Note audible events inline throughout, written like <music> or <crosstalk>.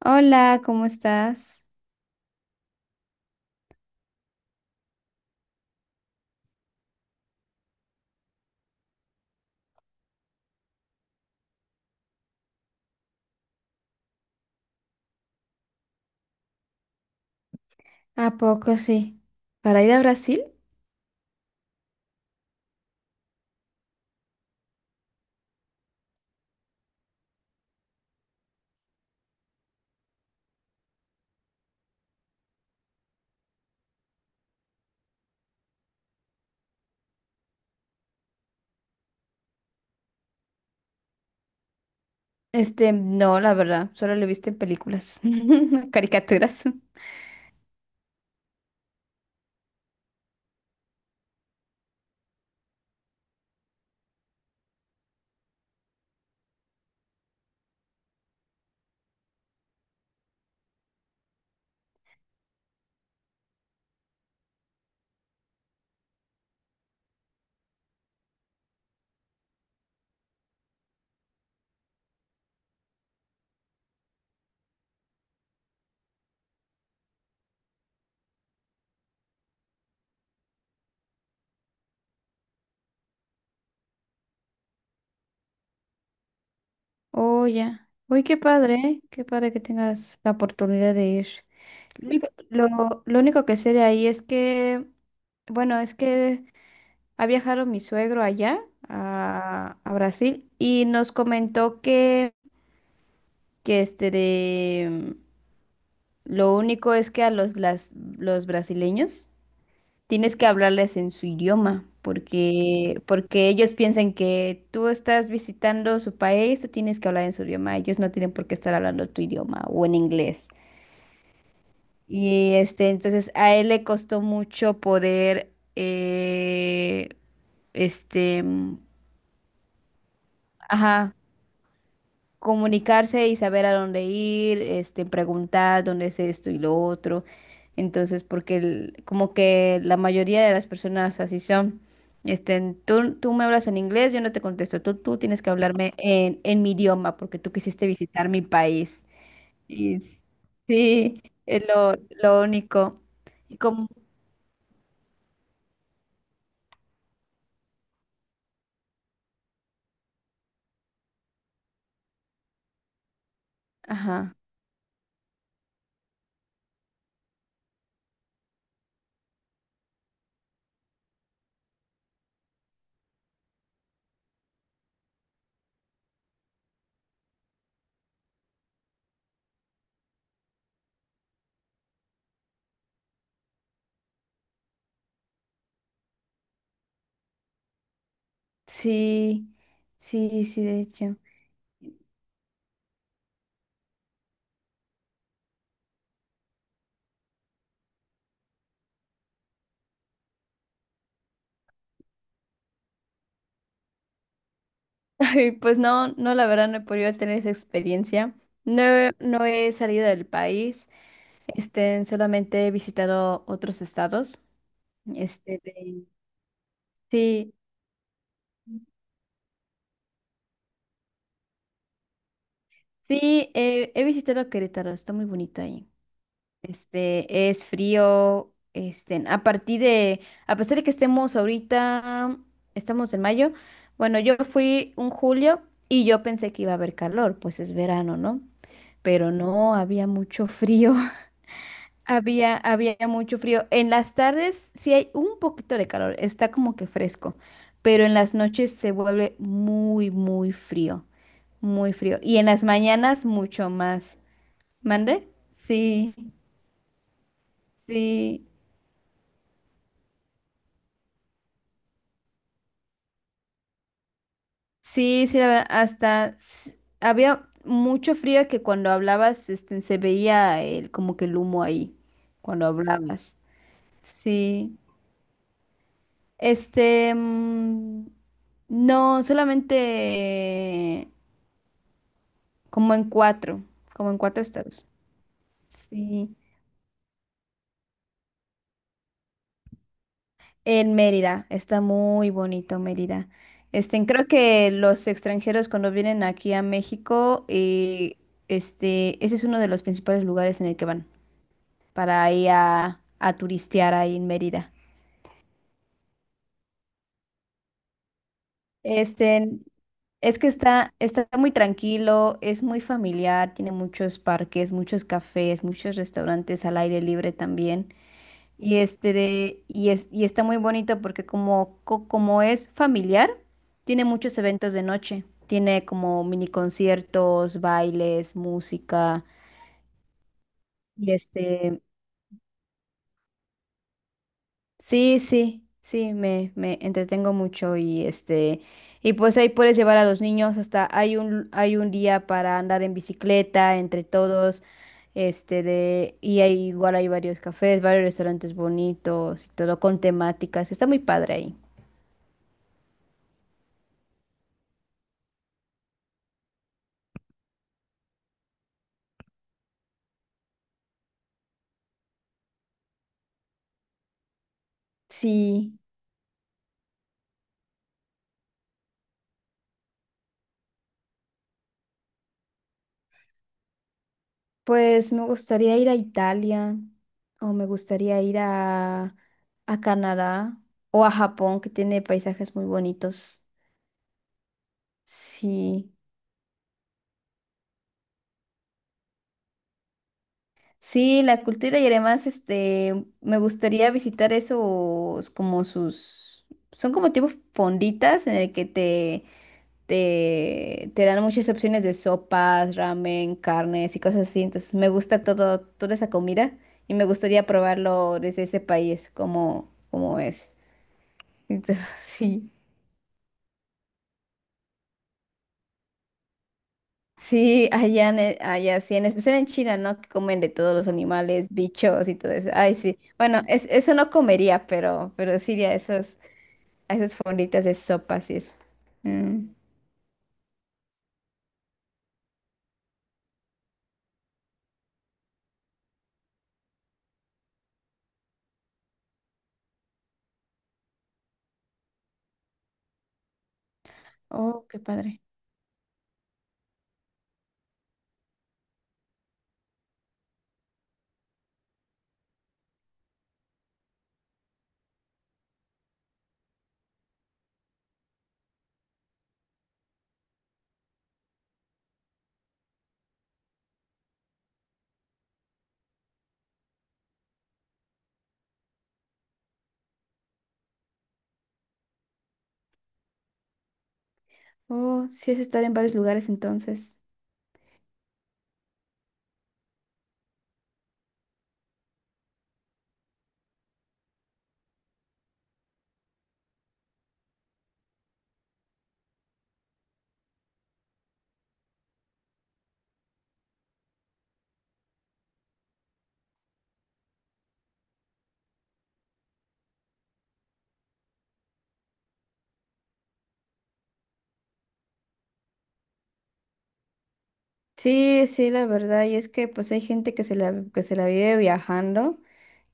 Hola, ¿cómo estás? ¿A poco sí? ¿Para ir a Brasil? No, la verdad, solo lo he visto en películas, <laughs> caricaturas. Oh, ya. Uy, qué padre que tengas la oportunidad de ir. Lo único que sé de ahí es que, bueno, es que ha viajado mi suegro allá a Brasil y nos comentó que, que lo único es que a los, los brasileños tienes que hablarles en su idioma, porque, porque ellos piensan que tú estás visitando su país, tú tienes que hablar en su idioma, ellos no tienen por qué estar hablando tu idioma o en inglés. Y entonces a él le costó mucho poder, este, mm, ajá, comunicarse y saber a dónde ir, preguntar dónde es esto y lo otro. Entonces, porque como que la mayoría de las personas así son. Tú me hablas en inglés, yo no te contesto. Tú tienes que hablarme en mi idioma porque tú quisiste visitar mi país. Y sí, es lo único. Y como, ajá, sí, sí, sí, de hecho. Y pues no, no, la verdad no he podido tener esa experiencia. No, no he salido del país, solamente he visitado otros estados. Este, de- sí, sí, he visitado Querétaro, está muy bonito ahí. Es frío, a partir de, a pesar de que estemos ahorita, estamos en mayo, bueno, yo fui un julio y yo pensé que iba a haber calor, pues es verano, ¿no? Pero no, había mucho frío. Había mucho frío. En las tardes sí hay un poquito de calor, está como que fresco, pero en las noches se vuelve muy frío, muy frío. Y en las mañanas mucho más. ¿Mande? Sí, sí, sí, sí, la verdad, hasta había mucho frío que cuando hablabas, se veía el, como que el humo ahí, cuando hablabas. Sí, este, mm, no, solamente... como en cuatro, como en cuatro estados. Sí, en Mérida, está muy bonito Mérida. Creo que los extranjeros cuando vienen aquí a México, ese es uno de los principales lugares en el que van para ir a turistear ahí en Mérida. Este, es que está, está muy tranquilo, es muy familiar, tiene muchos parques, muchos cafés, muchos restaurantes al aire libre también. Y es, y está muy bonito porque como, como es familiar, tiene muchos eventos de noche. Tiene como mini conciertos, bailes, música. Y sí, sí, sí, me entretengo mucho y y pues ahí puedes llevar a los niños hasta hay un día para andar en bicicleta entre todos. Y hay, igual hay varios cafés, varios restaurantes bonitos y todo con temáticas. Está muy padre ahí. Sí. Pues me gustaría ir a Italia o me gustaría ir a Canadá o a Japón, que tiene paisajes muy bonitos. Sí, sí, la cultura y además me gustaría visitar esos como sus, son como tipo fonditas en el que te, te dan muchas opciones de sopas, ramen, carnes y cosas así. Entonces me gusta todo, toda esa comida y me gustaría probarlo desde ese país, como, como es. Entonces, <laughs> sí, sí, allá, allá sí, en especial en China, ¿no? Que comen de todos los animales, bichos y todo eso. Ay, sí. Bueno, es, eso no comería, pero sí iría a esas fonditas de sopas y eso. Mm. Oh, qué padre. Oh, sí es estar en varios lugares entonces. Sí, sí, la verdad, y es que pues hay gente que que se la vive viajando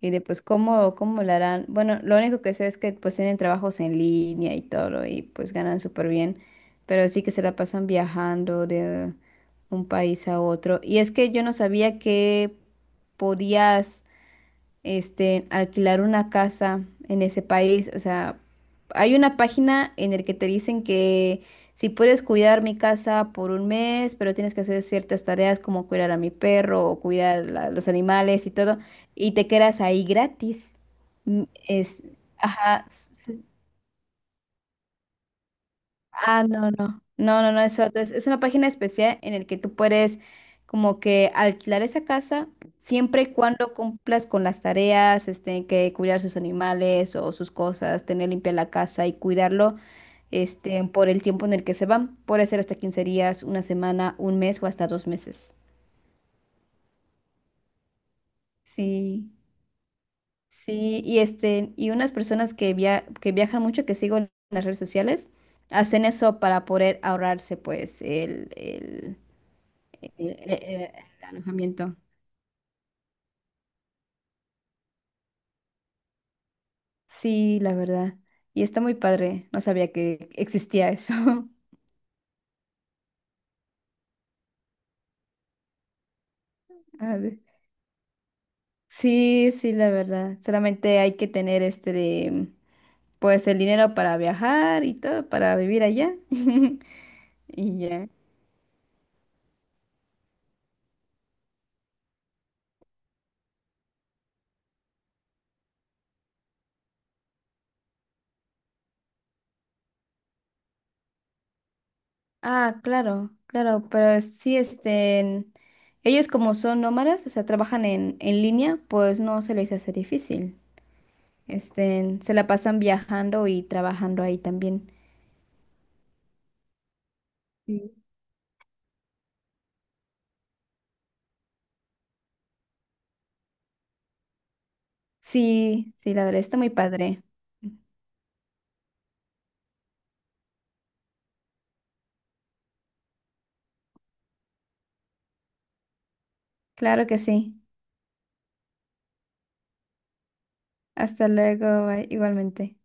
y de pues cómo, cómo la harán. Bueno, lo único que sé es que pues tienen trabajos en línea y todo y pues ganan súper bien, pero sí que se la pasan viajando de un país a otro. Y es que yo no sabía que podías alquilar una casa en ese país. O sea, hay una página en la que te dicen que si puedes cuidar mi casa por un mes, pero tienes que hacer ciertas tareas como cuidar a mi perro o cuidar los animales y todo, y te quedas ahí gratis. Mm, es, ajá, Ah, no, no. No, no, no, es otro. Es una página especial en el que tú puedes como que alquilar esa casa siempre y cuando cumplas con las tareas, que cuidar sus animales o sus cosas, tener limpia la casa y cuidarlo, por el tiempo en el que se van. Puede ser hasta 15 días, una semana, un mes o hasta 2 meses. Sí, sí, y y unas personas que que viajan mucho, que sigo en las redes sociales, hacen eso para poder ahorrarse, pues, el alojamiento. Sí, la verdad. Y está muy padre. No sabía que existía eso. <laughs> A ver. Sí, sí, la verdad. Solamente hay que tener pues el dinero para viajar y todo, para vivir allá. <laughs> Y ya. Ah, claro, claro, pero sí, ellos como son nómadas, o sea, trabajan en línea, pues no se les hace difícil. Se la pasan viajando y trabajando ahí también. Sí, sí, la verdad está muy padre. Claro que sí. Hasta luego, bye, igualmente.